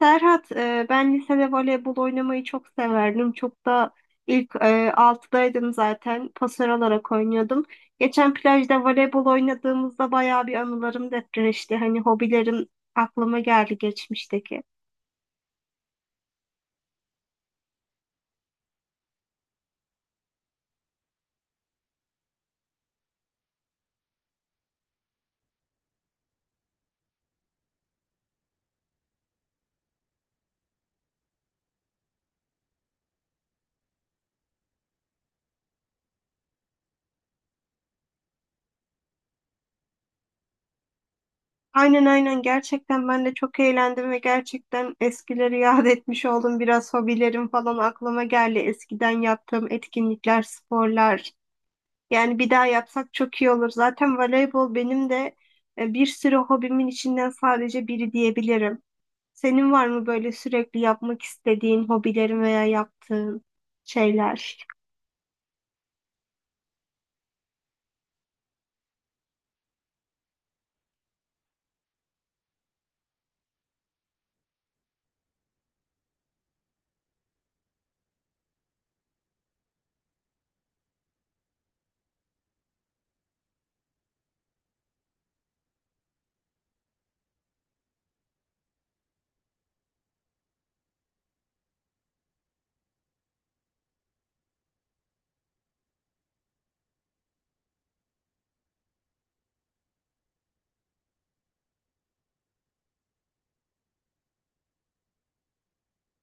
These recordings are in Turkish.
Serhat, ben lisede voleybol oynamayı çok severdim. Çok da ilk 6'daydım zaten. Pasör olarak oynuyordum. Geçen plajda voleybol oynadığımızda bayağı bir anılarım depreşti. Hani hobilerim aklıma geldi geçmişteki. Aynen, aynen, gerçekten ben de çok eğlendim ve gerçekten eskileri yad etmiş oldum. Biraz hobilerim falan aklıma geldi. Eskiden yaptığım etkinlikler, sporlar. Yani bir daha yapsak çok iyi olur. Zaten voleybol benim de bir sürü hobimin içinden sadece biri diyebilirim. Senin var mı böyle sürekli yapmak istediğin hobilerin veya yaptığın şeyler?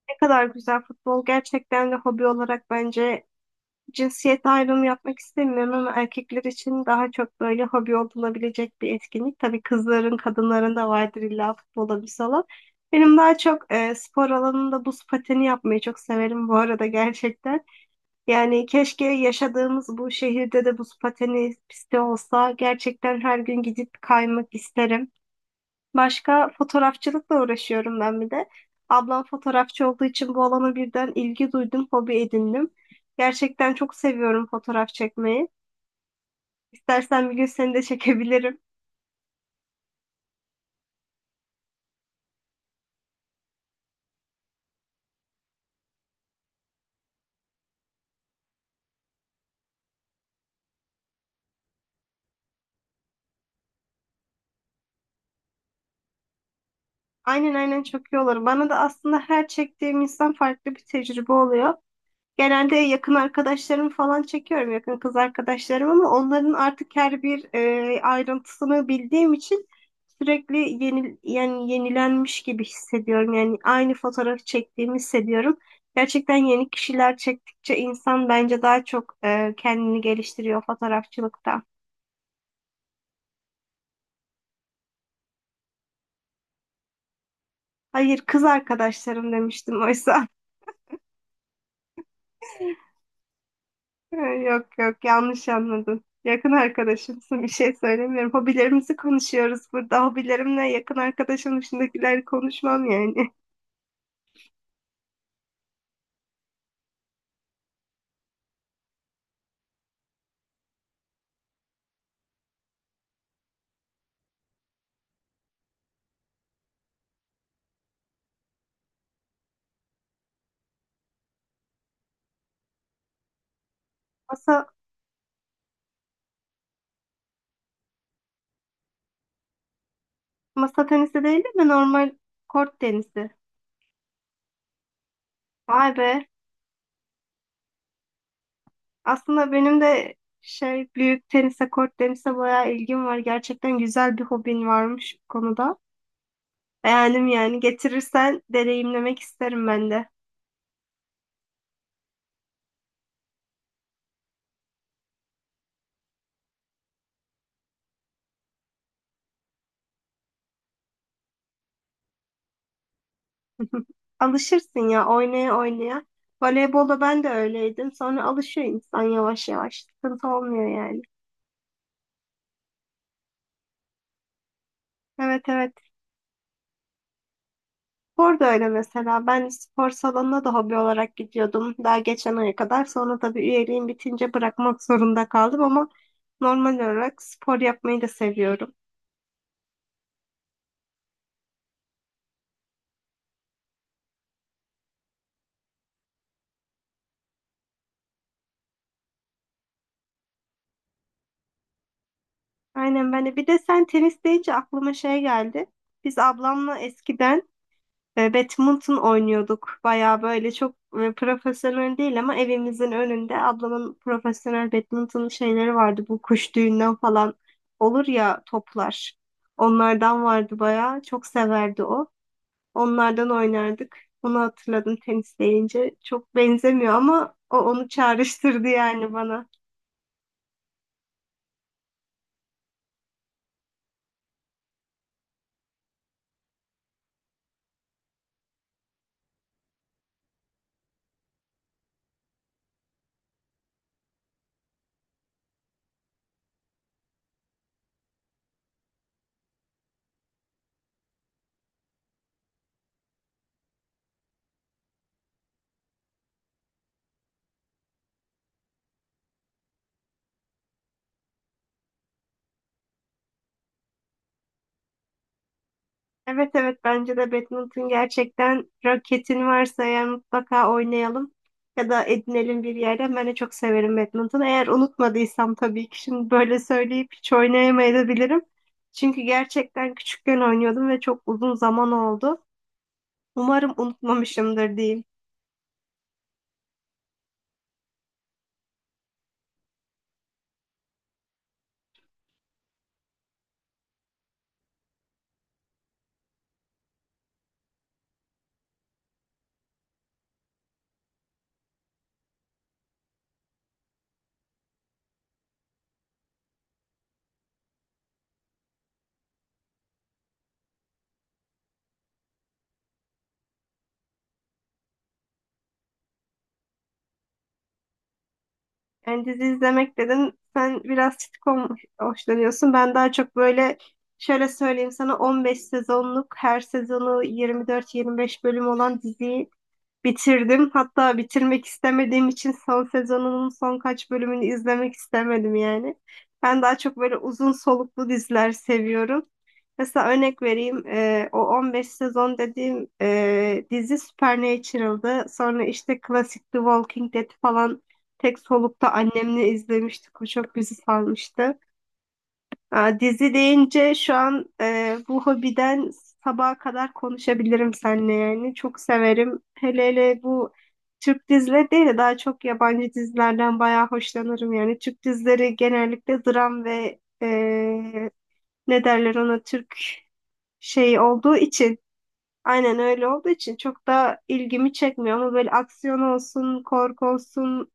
Ne kadar güzel futbol. Gerçekten de hobi olarak bence cinsiyet ayrımı yapmak istemiyorum ama erkekler için daha çok böyle hobi olunabilecek bir etkinlik. Tabii kızların, kadınların da vardır illa futbol hobisi olan. Benim daha çok spor alanında buz pateni yapmayı çok severim bu arada gerçekten. Yani keşke yaşadığımız bu şehirde de buz pateni pisti olsa. Gerçekten her gün gidip kaymak isterim. Başka fotoğrafçılıkla uğraşıyorum ben bir de. Ablam fotoğrafçı olduğu için bu alana birden ilgi duydum, hobi edindim. Gerçekten çok seviyorum fotoğraf çekmeyi. İstersen bir gün seni de çekebilirim. Aynen, aynen, çok iyi olur. Bana da aslında her çektiğim insan farklı bir tecrübe oluyor. Genelde yakın arkadaşlarımı falan çekiyorum, yakın kız arkadaşlarım ama onların artık her bir ayrıntısını bildiğim için sürekli yeni, yani yenilenmiş gibi hissediyorum. Yani aynı fotoğrafı çektiğimi hissediyorum. Gerçekten yeni kişiler çektikçe insan bence daha çok kendini geliştiriyor fotoğrafçılıkta. Hayır, kız arkadaşlarım demiştim oysa. Ha, yok yok, yanlış anladın. Yakın arkadaşımsın, bir şey söylemiyorum. Hobilerimizi konuşuyoruz burada. Hobilerimle yakın arkadaşım dışındakileri konuşmam yani. Masa, masa tenisi değil de normal kort tenisi. Vay be. Aslında benim de şey, büyük tenise, kort tenise bayağı ilgim var. Gerçekten güzel bir hobin varmış bu konuda. Beğendim yani. Getirirsen deneyimlemek isterim ben de. Alışırsın ya, oynaya oynaya. Voleybolda ben de öyleydim. Sonra alışıyor insan yavaş yavaş. Sıkıntı olmuyor yani. Evet, evet. Spor da öyle mesela. Ben spor salonuna da hobi olarak gidiyordum. Daha geçen aya kadar. Sonra tabii üyeliğim bitince bırakmak zorunda kaldım ama normal olarak spor yapmayı da seviyorum. Aynen, ben de. Bir de sen tenis deyince aklıma şey geldi. Biz ablamla eskiden badminton oynuyorduk. Baya böyle çok profesyonel değil ama evimizin önünde ablamın profesyonel badminton şeyleri vardı. Bu kuş düğünden falan olur ya, toplar. Onlardan vardı baya. Çok severdi o. Onlardan oynardık. Onu hatırladım tenis deyince. Çok benzemiyor ama o onu çağrıştırdı yani bana. Evet, evet, bence de badminton gerçekten, raketin varsa eğer mutlaka oynayalım ya da edinelim bir yerden. Ben de çok severim badminton. Eğer unutmadıysam tabii ki, şimdi böyle söyleyip hiç oynayamayabilirim. Çünkü gerçekten küçükken oynuyordum ve çok uzun zaman oldu. Umarım unutmamışımdır diyeyim. Yani dizi izlemek dedin sen, biraz sitcom hoşlanıyorsun. Ben daha çok böyle, şöyle söyleyeyim sana, 15 sezonluk her sezonu 24-25 bölüm olan diziyi bitirdim. Hatta bitirmek istemediğim için son sezonunun son kaç bölümünü izlemek istemedim yani. Ben daha çok böyle uzun soluklu diziler seviyorum. Mesela örnek vereyim. O 15 sezon dediğim dizi Supernatural'dı. Sonra işte klasik The Walking Dead falan tek solukta annemle izlemiştik. O çok bizi sarmıştı. Aa, dizi deyince şu an bu hobiden sabaha kadar konuşabilirim seninle yani. Çok severim. Hele hele bu Türk dizileri değil de daha çok yabancı dizilerden bayağı hoşlanırım yani. Türk dizileri genellikle dram ve ne derler ona, Türk şey olduğu için aynen öyle olduğu için, çok da ilgimi çekmiyor ama böyle aksiyon olsun, korku olsun,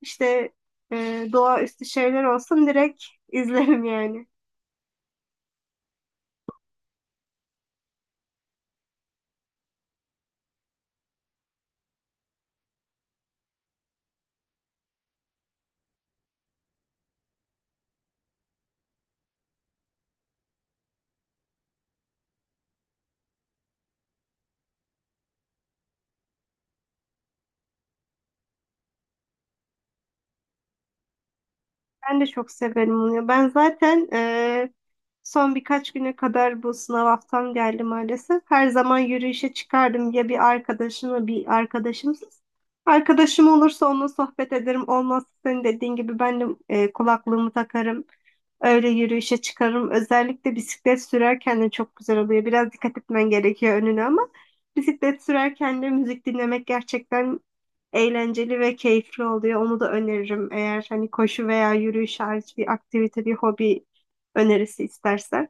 işte doğaüstü şeyler olsun, direkt izlerim yani. Ben de çok severim onu. Ben zaten son birkaç güne kadar bu sınav haftam geldi maalesef. Her zaman yürüyüşe çıkardım ya, bir arkadaşımla bir arkadaşımsız. Arkadaşım olursa onunla sohbet ederim. Olmazsa senin dediğin gibi ben de kulaklığımı takarım. Öyle yürüyüşe çıkarım. Özellikle bisiklet sürerken de çok güzel oluyor. Biraz dikkat etmen gerekiyor önüne ama bisiklet sürerken de müzik dinlemek gerçekten eğlenceli ve keyifli oluyor. Onu da öneririm, eğer hani koşu veya yürüyüş hariç bir aktivite, bir hobi önerisi istersen.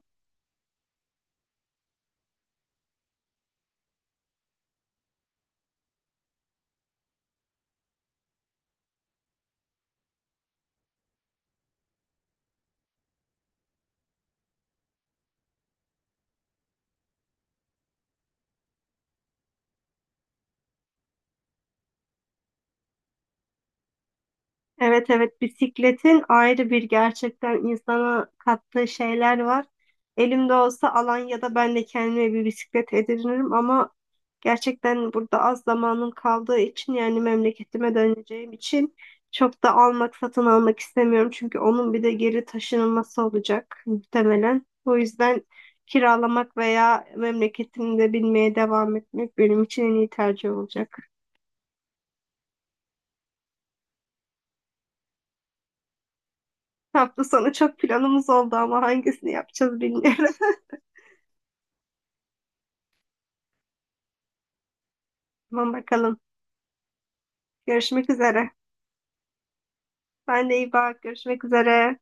Evet, evet, bisikletin ayrı bir gerçekten insana kattığı şeyler var. Elimde olsa Alanya'da ben de kendime bir bisiklet edinirim ama gerçekten burada az zamanım kaldığı için, yani memleketime döneceğim için çok da almak, satın almak istemiyorum. Çünkü onun bir de geri taşınılması olacak muhtemelen. O yüzden kiralamak veya memleketimde binmeye devam etmek benim için en iyi tercih olacak. Hafta sonu çok planımız oldu ama hangisini yapacağız bilmiyorum. Tamam, bakalım. Görüşmek üzere. Sen de iyi bak. Görüşmek üzere.